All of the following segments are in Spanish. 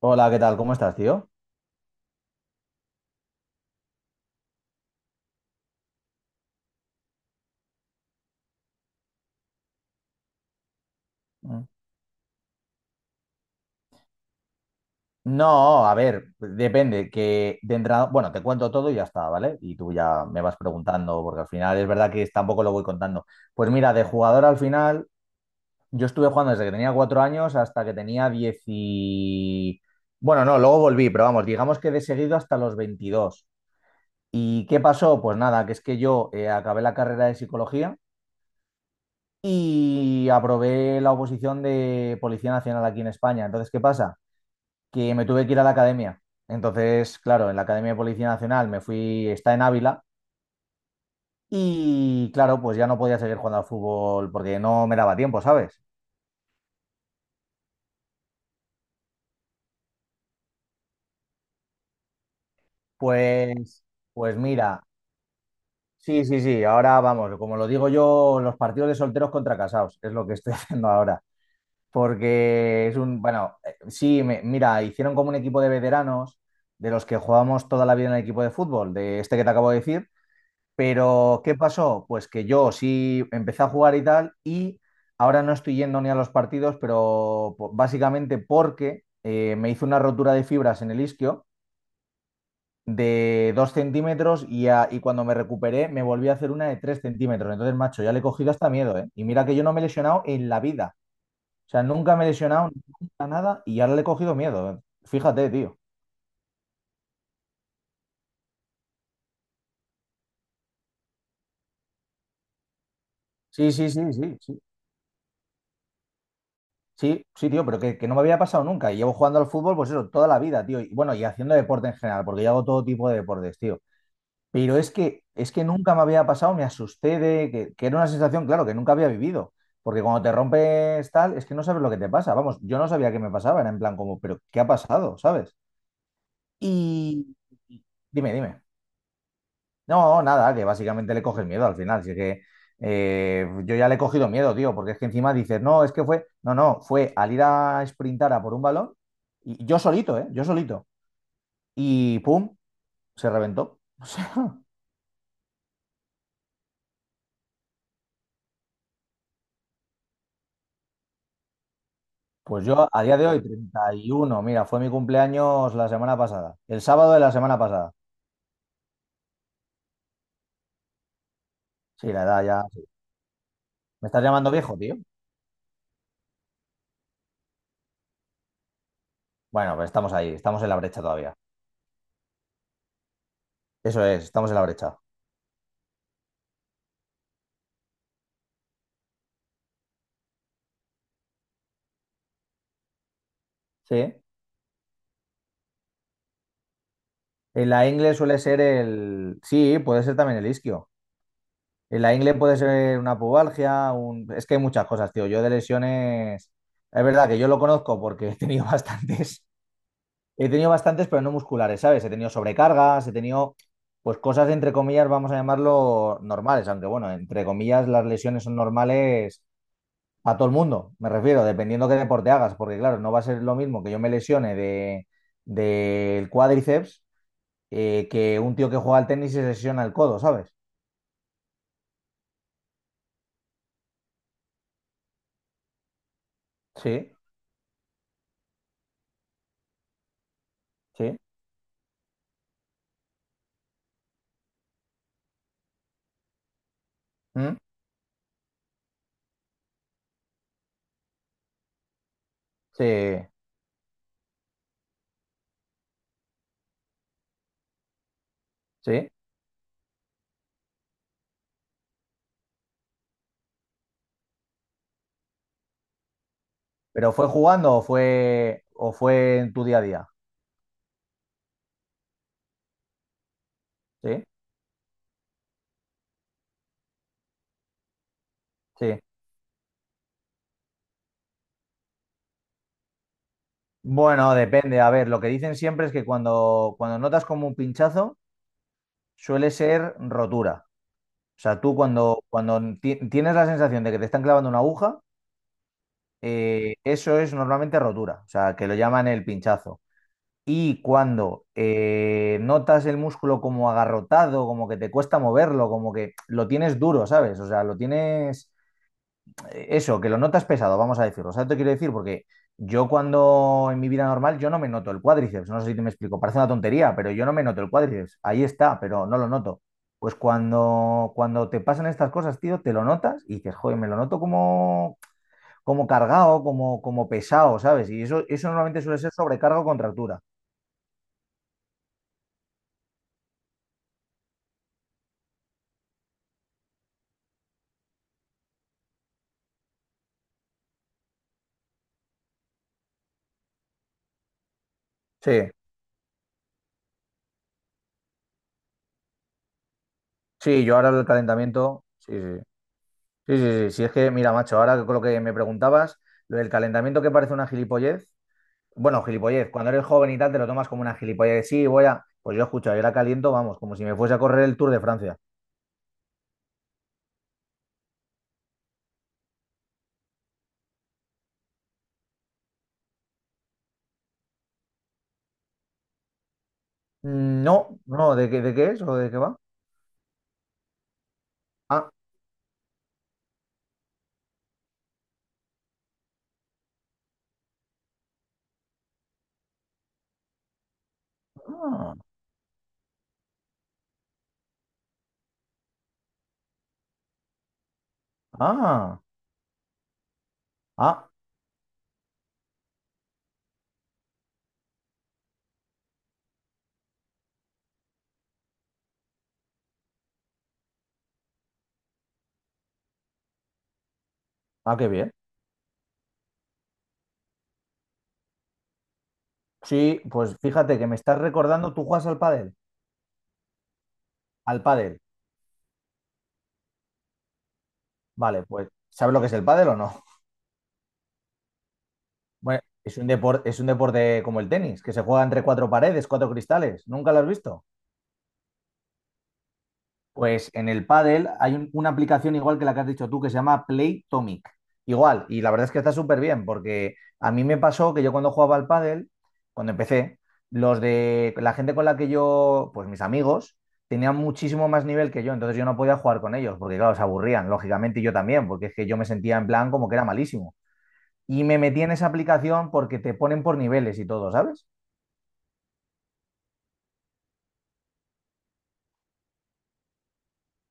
Hola, ¿qué tal? ¿Cómo estás, tío? Mm. No, a ver, depende, que de entrada, bueno, te cuento todo y ya está, ¿vale? Y tú ya me vas preguntando, porque al final es verdad que tampoco lo voy contando. Pues mira, de jugador al final, yo estuve jugando desde que tenía 4 años hasta que tenía 10 y... Bueno, no, luego volví, pero vamos, digamos que de seguido hasta los 22. ¿Y qué pasó? Pues nada, que es que yo acabé la carrera de psicología y aprobé la oposición de Policía Nacional aquí en España. Entonces, ¿qué pasa? Que me tuve que ir a la academia. Entonces, claro, en la Academia de Policía Nacional me fui, está en Ávila, y claro, pues ya no podía seguir jugando al fútbol porque no me daba tiempo, ¿sabes? Pues, pues mira, sí, sí, sí, ahora vamos, como lo digo yo, los partidos de solteros contra casados, es lo que estoy haciendo ahora. Porque es un, bueno, sí, mira, hicieron como un equipo de veteranos de los que jugábamos toda la vida en el equipo de fútbol, de este que te acabo de decir. Pero, ¿qué pasó? Pues que yo sí empecé a jugar y tal, y ahora no estoy yendo ni a los partidos, pero básicamente porque me hice una rotura de fibras en el isquio de 2 centímetros y, y cuando me recuperé me volví a hacer una de 3 centímetros. Entonces, macho, ya le he cogido hasta miedo, ¿eh? Y mira que yo no me he lesionado en la vida. O sea, nunca me he lesionado, nunca nada, y ahora le he cogido miedo, ¿eh? Fíjate, tío. Sí, sí, sí, sí, sí. Sí, sí, tío, pero que no me había pasado nunca. Y llevo jugando al fútbol, pues eso, toda la vida, tío. Y bueno, y haciendo deporte en general, porque yo hago todo tipo de deportes, tío. Pero es que nunca me había pasado, me asusté de que era una sensación, claro, que nunca había vivido. Porque cuando te rompes tal, es que no sabes lo que te pasa. Vamos, yo no sabía qué me pasaba, era en plan como, pero ¿qué ha pasado? ¿Sabes? Y dime, dime. No, nada, que básicamente le coges miedo al final. Así que yo ya le he cogido miedo, tío, porque es que encima dices, no, es que fue, no, no, fue al ir a sprintar a por un balón, y yo solito, ¿eh? Yo solito. Y pum, se reventó. O sea, pues yo a día de hoy, 31, mira, fue mi cumpleaños la semana pasada, el sábado de la semana pasada. Sí, la edad ya, sí. ¿Me estás llamando viejo, tío? Bueno, pues estamos ahí, estamos en la brecha todavía. Eso es, estamos en la brecha. Sí. En la ingle suele ser el. Sí, puede ser también el isquio. En la ingle puede ser una pubalgia, un... es que hay muchas cosas, tío. Yo de lesiones, es verdad que yo lo conozco porque he tenido bastantes, he tenido bastantes, pero no musculares, ¿sabes? He tenido sobrecargas, he tenido, pues cosas entre comillas, vamos a llamarlo normales, aunque bueno, entre comillas las lesiones son normales a todo el mundo, me refiero, dependiendo qué deporte hagas, porque claro, no va a ser lo mismo que yo me lesione de, del cuádriceps que un tío que juega al tenis y se lesiona el codo, ¿sabes? Sí, sí. ¿Mm? Sí. Sí, pero fue jugando o fue en tu día a día. Sí, sí. Bueno, depende. A ver, lo que dicen siempre es que cuando notas como un pinchazo, suele ser rotura. O sea, tú cuando tienes la sensación de que te están clavando una aguja, eso es normalmente rotura. O sea, que lo llaman el pinchazo. Y cuando notas el músculo como agarrotado, como que te cuesta moverlo, como que lo tienes duro, ¿sabes? O sea, lo tienes eso, que lo notas pesado, vamos a decirlo. ¿Sabes te quiero decir? Porque yo cuando en mi vida normal yo no me noto el cuádriceps, no sé si te me explico, parece una tontería, pero yo no me noto el cuádriceps, ahí está, pero no lo noto. Pues cuando te pasan estas cosas, tío, te lo notas y dices, joder, me lo noto como, como cargado, como, como pesado, ¿sabes? Y eso normalmente suele ser sobrecarga o contractura. Sí, sí, yo ahora el calentamiento, sí, sí. Sí, sí, sí, sí, es que, mira, macho, ahora con lo que me preguntabas, lo del calentamiento que parece una gilipollez. Bueno, gilipollez, cuando eres joven y tal, te lo tomas como una gilipollez. Sí, voy a. Pues yo escucho, yo la caliento, vamos, como si me fuese a correr el Tour de Francia. No, no, ¿de qué es o de qué va? Ah, ah, ah, ah, ah, qué bien. Sí, pues fíjate que me estás recordando, ¿tú juegas al pádel? Al pádel. Vale, pues, ¿sabes lo que es el pádel o no? Bueno, es un deporte como el tenis, que se juega entre cuatro paredes, cuatro cristales. ¿Nunca lo has visto? Pues en el pádel hay una aplicación igual que la que has dicho tú que se llama Playtomic. Igual, y la verdad es que está súper bien porque a mí me pasó que yo cuando jugaba al pádel, cuando empecé, los de la gente con la que yo, pues mis amigos, tenían muchísimo más nivel que yo, entonces yo no podía jugar con ellos porque claro, se aburrían, lógicamente, y yo también, porque es que yo me sentía en plan como que era malísimo. Y me metí en esa aplicación porque te ponen por niveles y todo, ¿sabes?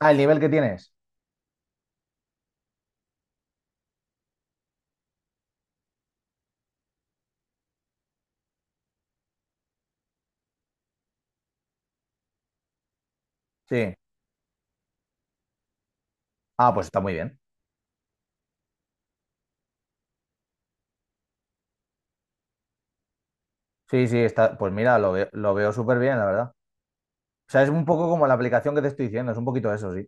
Ah, el nivel que tienes. Sí. Ah, pues está muy bien. Sí, sí, está, pues mira, lo, lo veo súper bien, la verdad. O sea, es un poco como la aplicación que te estoy diciendo, es un poquito eso, sí.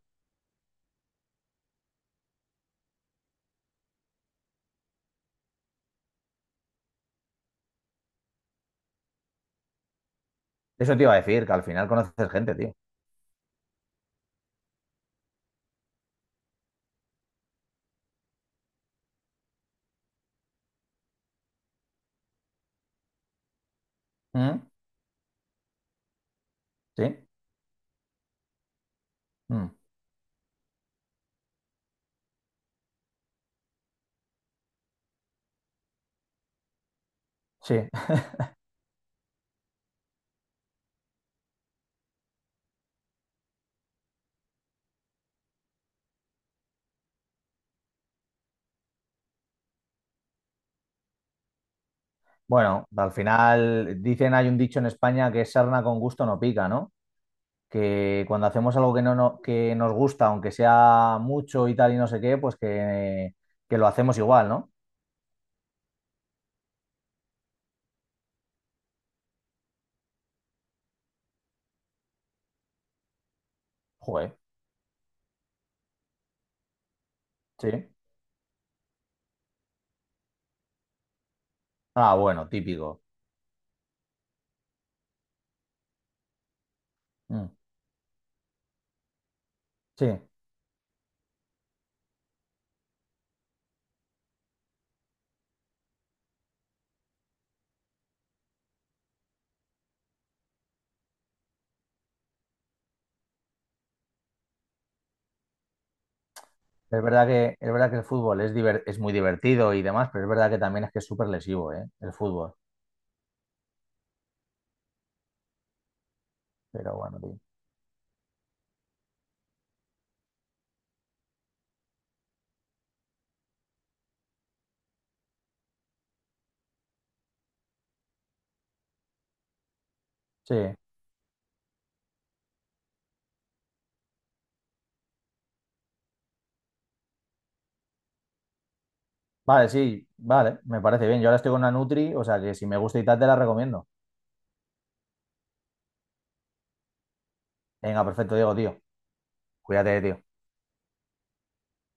Eso te iba a decir, que al final conoces gente, tío. ¿Mm? ¿Sí? Mm, sí. Bueno, al final dicen, hay un dicho en España que es sarna con gusto no pica, ¿no? Que cuando hacemos algo que no, que nos gusta, aunque sea mucho y tal y no sé qué, pues que lo hacemos igual, ¿no? Joder, sí. Ah, bueno, típico. Mm, sí. Es verdad que el fútbol es, es muy divertido y demás, pero es verdad que también es que es súper lesivo, ¿eh? El fútbol. Pero bueno, tío. Sí, vale, sí, vale, me parece bien. Yo ahora estoy con una Nutri, o sea que si me gusta y tal, te la recomiendo. Venga, perfecto, Diego, tío. Cuídate, tío.